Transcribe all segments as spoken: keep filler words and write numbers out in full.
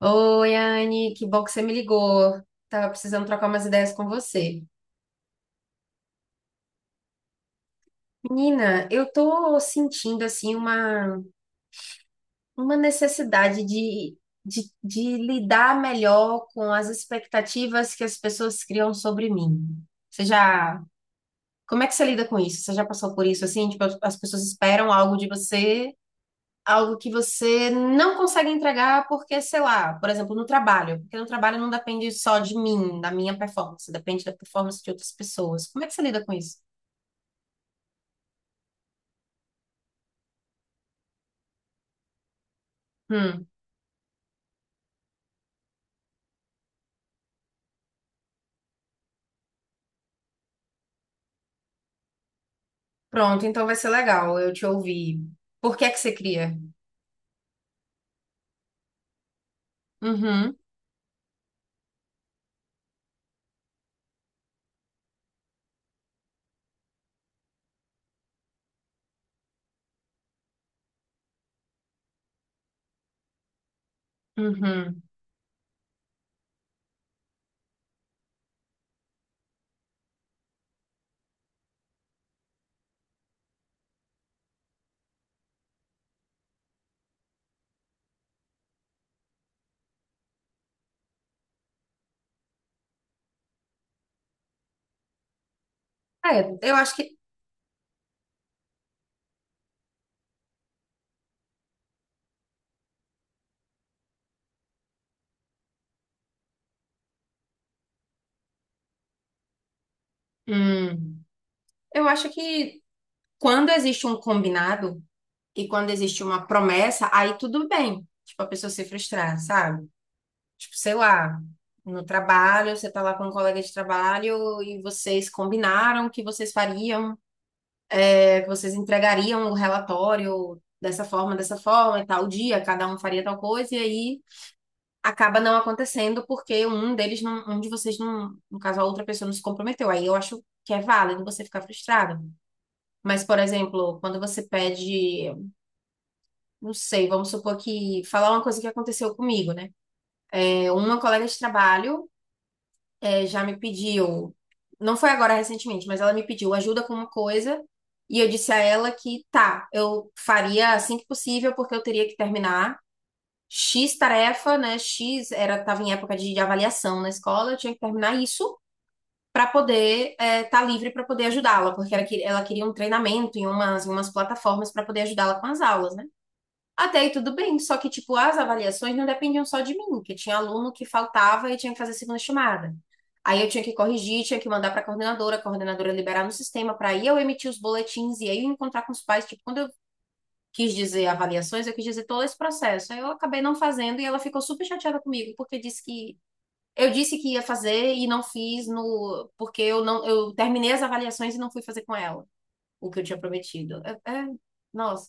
Oi, Anne, que bom que você me ligou. Tava precisando trocar umas ideias com você. Menina, eu tô sentindo assim uma, uma necessidade de, de, de lidar melhor com as expectativas que as pessoas criam sobre mim. Você já, como é que você lida com isso? Você já passou por isso assim? Tipo, as pessoas esperam algo de você, algo que você não consegue entregar porque, sei lá, por exemplo, no trabalho, porque no trabalho não depende só de mim, da minha performance, depende da performance de outras pessoas. Como é que você lida com isso? Hum, Pronto, então vai ser legal eu te ouvir. Por que é que você cria? Uhum, uhum. É, eu acho que, hum, eu acho que quando existe um combinado e quando existe uma promessa, aí tudo bem. Tipo, a pessoa se frustrar, sabe? Tipo, sei lá, no trabalho, você tá lá com um colega de trabalho e vocês combinaram que vocês fariam, é, que vocês entregariam o relatório dessa forma, dessa forma, e tal dia, cada um faria tal coisa, e aí acaba não acontecendo porque um deles não, um de vocês não, no caso, a outra pessoa não se comprometeu. Aí eu acho que é válido você ficar frustrado. Mas, por exemplo, quando você pede, não sei, vamos supor que falar uma coisa que aconteceu comigo, né? É, uma colega de trabalho é, já me pediu, não foi agora recentemente, mas ela me pediu ajuda com uma coisa e eu disse a ela que tá, eu faria assim que possível porque eu teria que terminar xis tarefa, né? xis era tava em época de, de avaliação na escola, eu tinha que terminar isso para poder estar livre para poder ajudá-la, porque ela, que- ela queria um treinamento em umas, em umas plataformas para poder ajudá-la com as aulas, né? Até aí tudo bem, só que, tipo, as avaliações não dependiam só de mim, que tinha aluno que faltava e tinha que fazer segunda chamada. Aí eu tinha que corrigir, tinha que mandar para a coordenadora, a coordenadora liberar no sistema para aí eu emitir os boletins e aí eu encontrar com os pais. Tipo, quando eu quis dizer avaliações, eu quis dizer todo esse processo. Aí eu acabei não fazendo e ela ficou super chateada comigo, porque disse que eu disse que ia fazer e não fiz no porque eu não eu terminei as avaliações e não fui fazer com ela o que eu tinha prometido. É, é- nossa.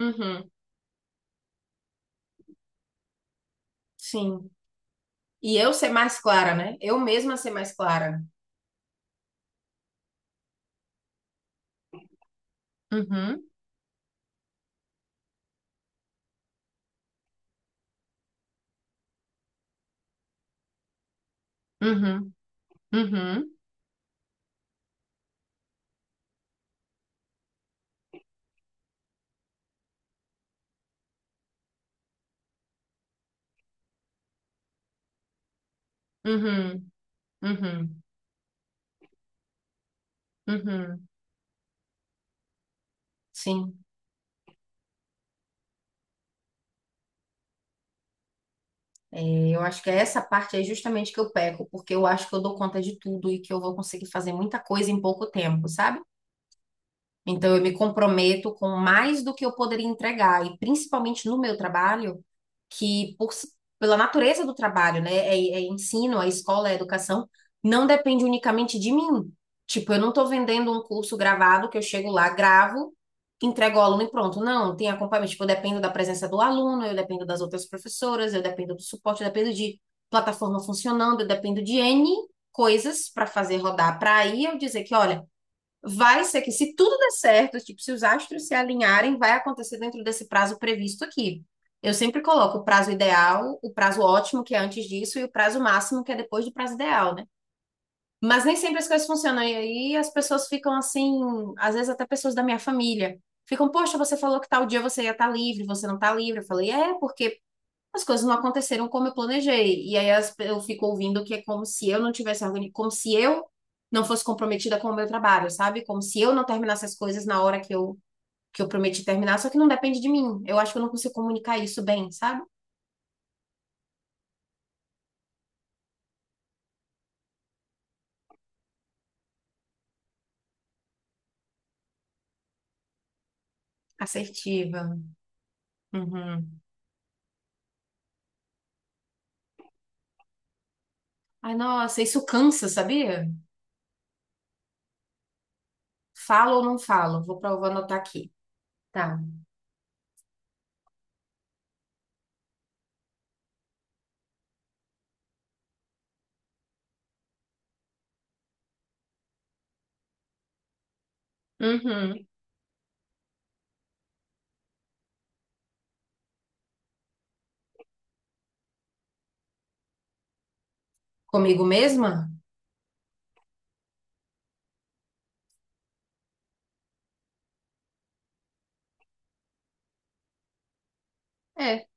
Uhum. Sim. E eu ser mais clara, né? Eu mesma ser mais clara. Uhum, uhum, uhum, uhum, uhum, uhum. Sim. É, eu acho que é essa parte aí justamente que eu peco, porque eu acho que eu dou conta de tudo e que eu vou conseguir fazer muita coisa em pouco tempo, sabe? Então, eu me comprometo com mais do que eu poderia entregar, e principalmente no meu trabalho, que por, s- pela natureza do trabalho, né, é, é ensino, é escola, é educação, não depende unicamente de mim. Tipo, eu não estou vendendo um curso gravado que eu chego lá, gravo, entrego ao aluno e pronto. Não, tem acompanhamento. Tipo, eu dependo da presença do aluno, eu dependo das outras professoras, eu dependo do suporte, eu dependo de plataforma funcionando, eu dependo de ene coisas para fazer rodar. Para aí eu dizer que, olha, vai ser que, se tudo der certo, tipo, se os astros se alinharem, vai acontecer dentro desse prazo previsto aqui. Eu sempre coloco o prazo ideal, o prazo ótimo, que é antes disso, e o prazo máximo, que é depois do prazo ideal, né? Mas nem sempre as coisas funcionam. E aí as pessoas ficam assim, às vezes até pessoas da minha família. Ficam, poxa, você falou que tal dia você ia estar livre, você não está livre. Eu falei, é, porque as coisas não aconteceram como eu planejei. E aí as- eu fico ouvindo que é como se eu não tivesse organizado, como se eu não fosse comprometida com o meu trabalho, sabe? Como se eu não terminasse as coisas na hora que eu, que eu prometi terminar, só que não depende de mim. Eu acho que eu não consigo comunicar isso bem, sabe? Assertiva. Uhum. Ai, nossa, isso cansa, sabia? Falo ou não falo? Vou, pra- vou anotar aqui. Tá. Uhum. Comigo mesma? É.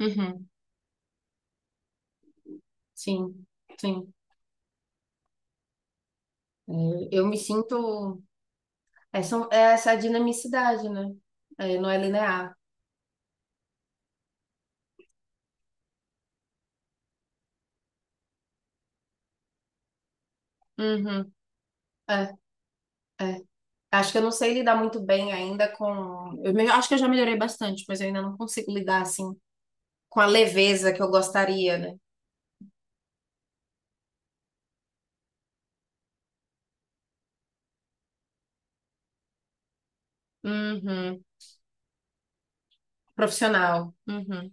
Uhum. Sim, sim. É, eu me sinto. É, são, é essa dinamicidade, né? É, não é linear. Uhum. É, é. Acho que eu não sei lidar muito bem ainda com. Eu me- acho que eu já melhorei bastante, mas eu ainda não consigo lidar assim com a leveza que eu gostaria, né? Uhum. Profissional. Uhum.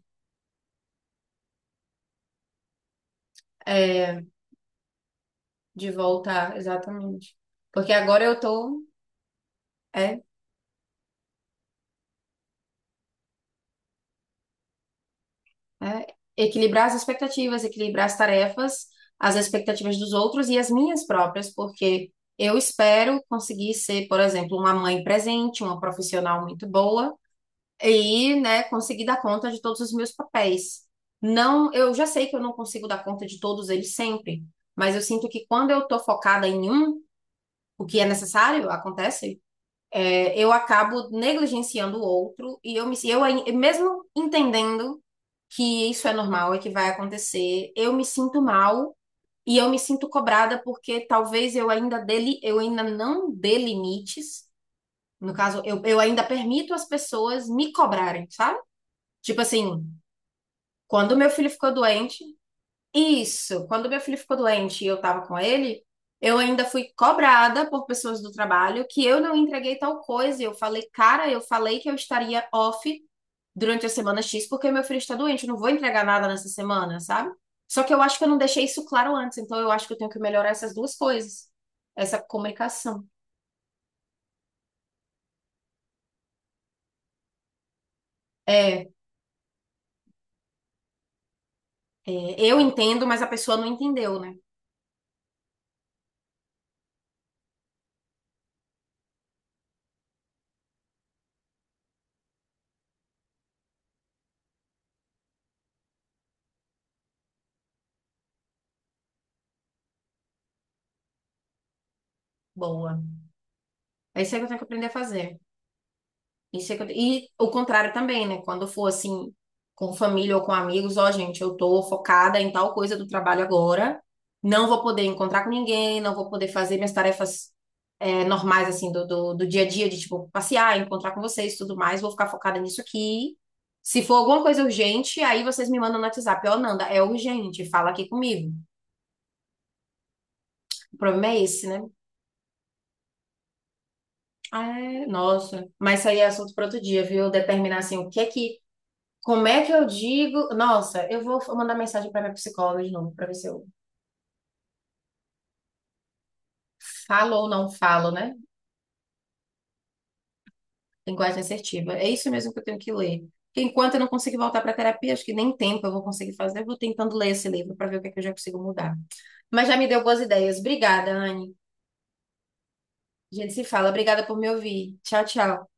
É, de voltar, exatamente. Porque agora eu tô. É, né? Equilibrar as expectativas, equilibrar as tarefas, as expectativas dos outros e as minhas próprias, porque eu espero conseguir ser, por exemplo, uma mãe presente, uma profissional muito boa e, né, conseguir dar conta de todos os meus papéis. Não, eu já sei que eu não consigo dar conta de todos eles sempre, mas eu sinto que quando eu estou focada em um, o que é necessário acontece, eu acabo negligenciando o outro e eu me si, eu ai- mesmo entendendo que isso é normal e que vai acontecer, eu me sinto mal e eu me sinto cobrada porque talvez eu ainda dele eu ainda não dê limites. No caso, eu, eu ainda permito as pessoas me cobrarem, sabe? Tipo assim, quando meu filho ficou doente, isso, quando meu filho ficou doente e eu estava com ele, eu ainda fui cobrada por pessoas do trabalho que eu não entreguei tal coisa. E eu falei, cara, eu falei que eu estaria off durante a semana xis porque meu filho está doente, eu não vou entregar nada nessa semana, sabe? Só que eu acho que eu não deixei isso claro antes, então eu acho que eu tenho que melhorar essas duas coisas, essa comunicação. É, é, eu entendo, mas a pessoa não entendeu, né? Boa. É isso aí que eu tenho que aprender a fazer. Isso é que eu- E o contrário também, né? Quando for assim, com família ou com amigos, ó, gente, eu tô focada em tal coisa do trabalho agora, não vou poder encontrar com ninguém, não vou poder fazer minhas tarefas é, normais, assim, do, do, do dia a dia, de tipo, passear, encontrar com vocês, tudo mais, vou ficar focada nisso aqui. Se for alguma coisa urgente, aí vocês me mandam no WhatsApp, ó, Nanda, é urgente, fala aqui comigo. O problema é esse, né? Ah, é, nossa. Mas isso aí é assunto para outro dia, viu? Determinar, assim, o que é que. Como é que eu digo? Nossa, eu vou mandar mensagem para minha psicóloga de novo, para ver se eu falo ou não falo, né? Linguagem assertiva. É isso mesmo que eu tenho que ler. Porque enquanto eu não conseguir voltar para terapia, acho que nem tempo eu vou conseguir fazer. Eu vou tentando ler esse livro para ver o que é que eu já consigo mudar. Mas já me deu boas ideias. Obrigada, Anne. A gente se fala. Obrigada por me ouvir. Tchau, tchau.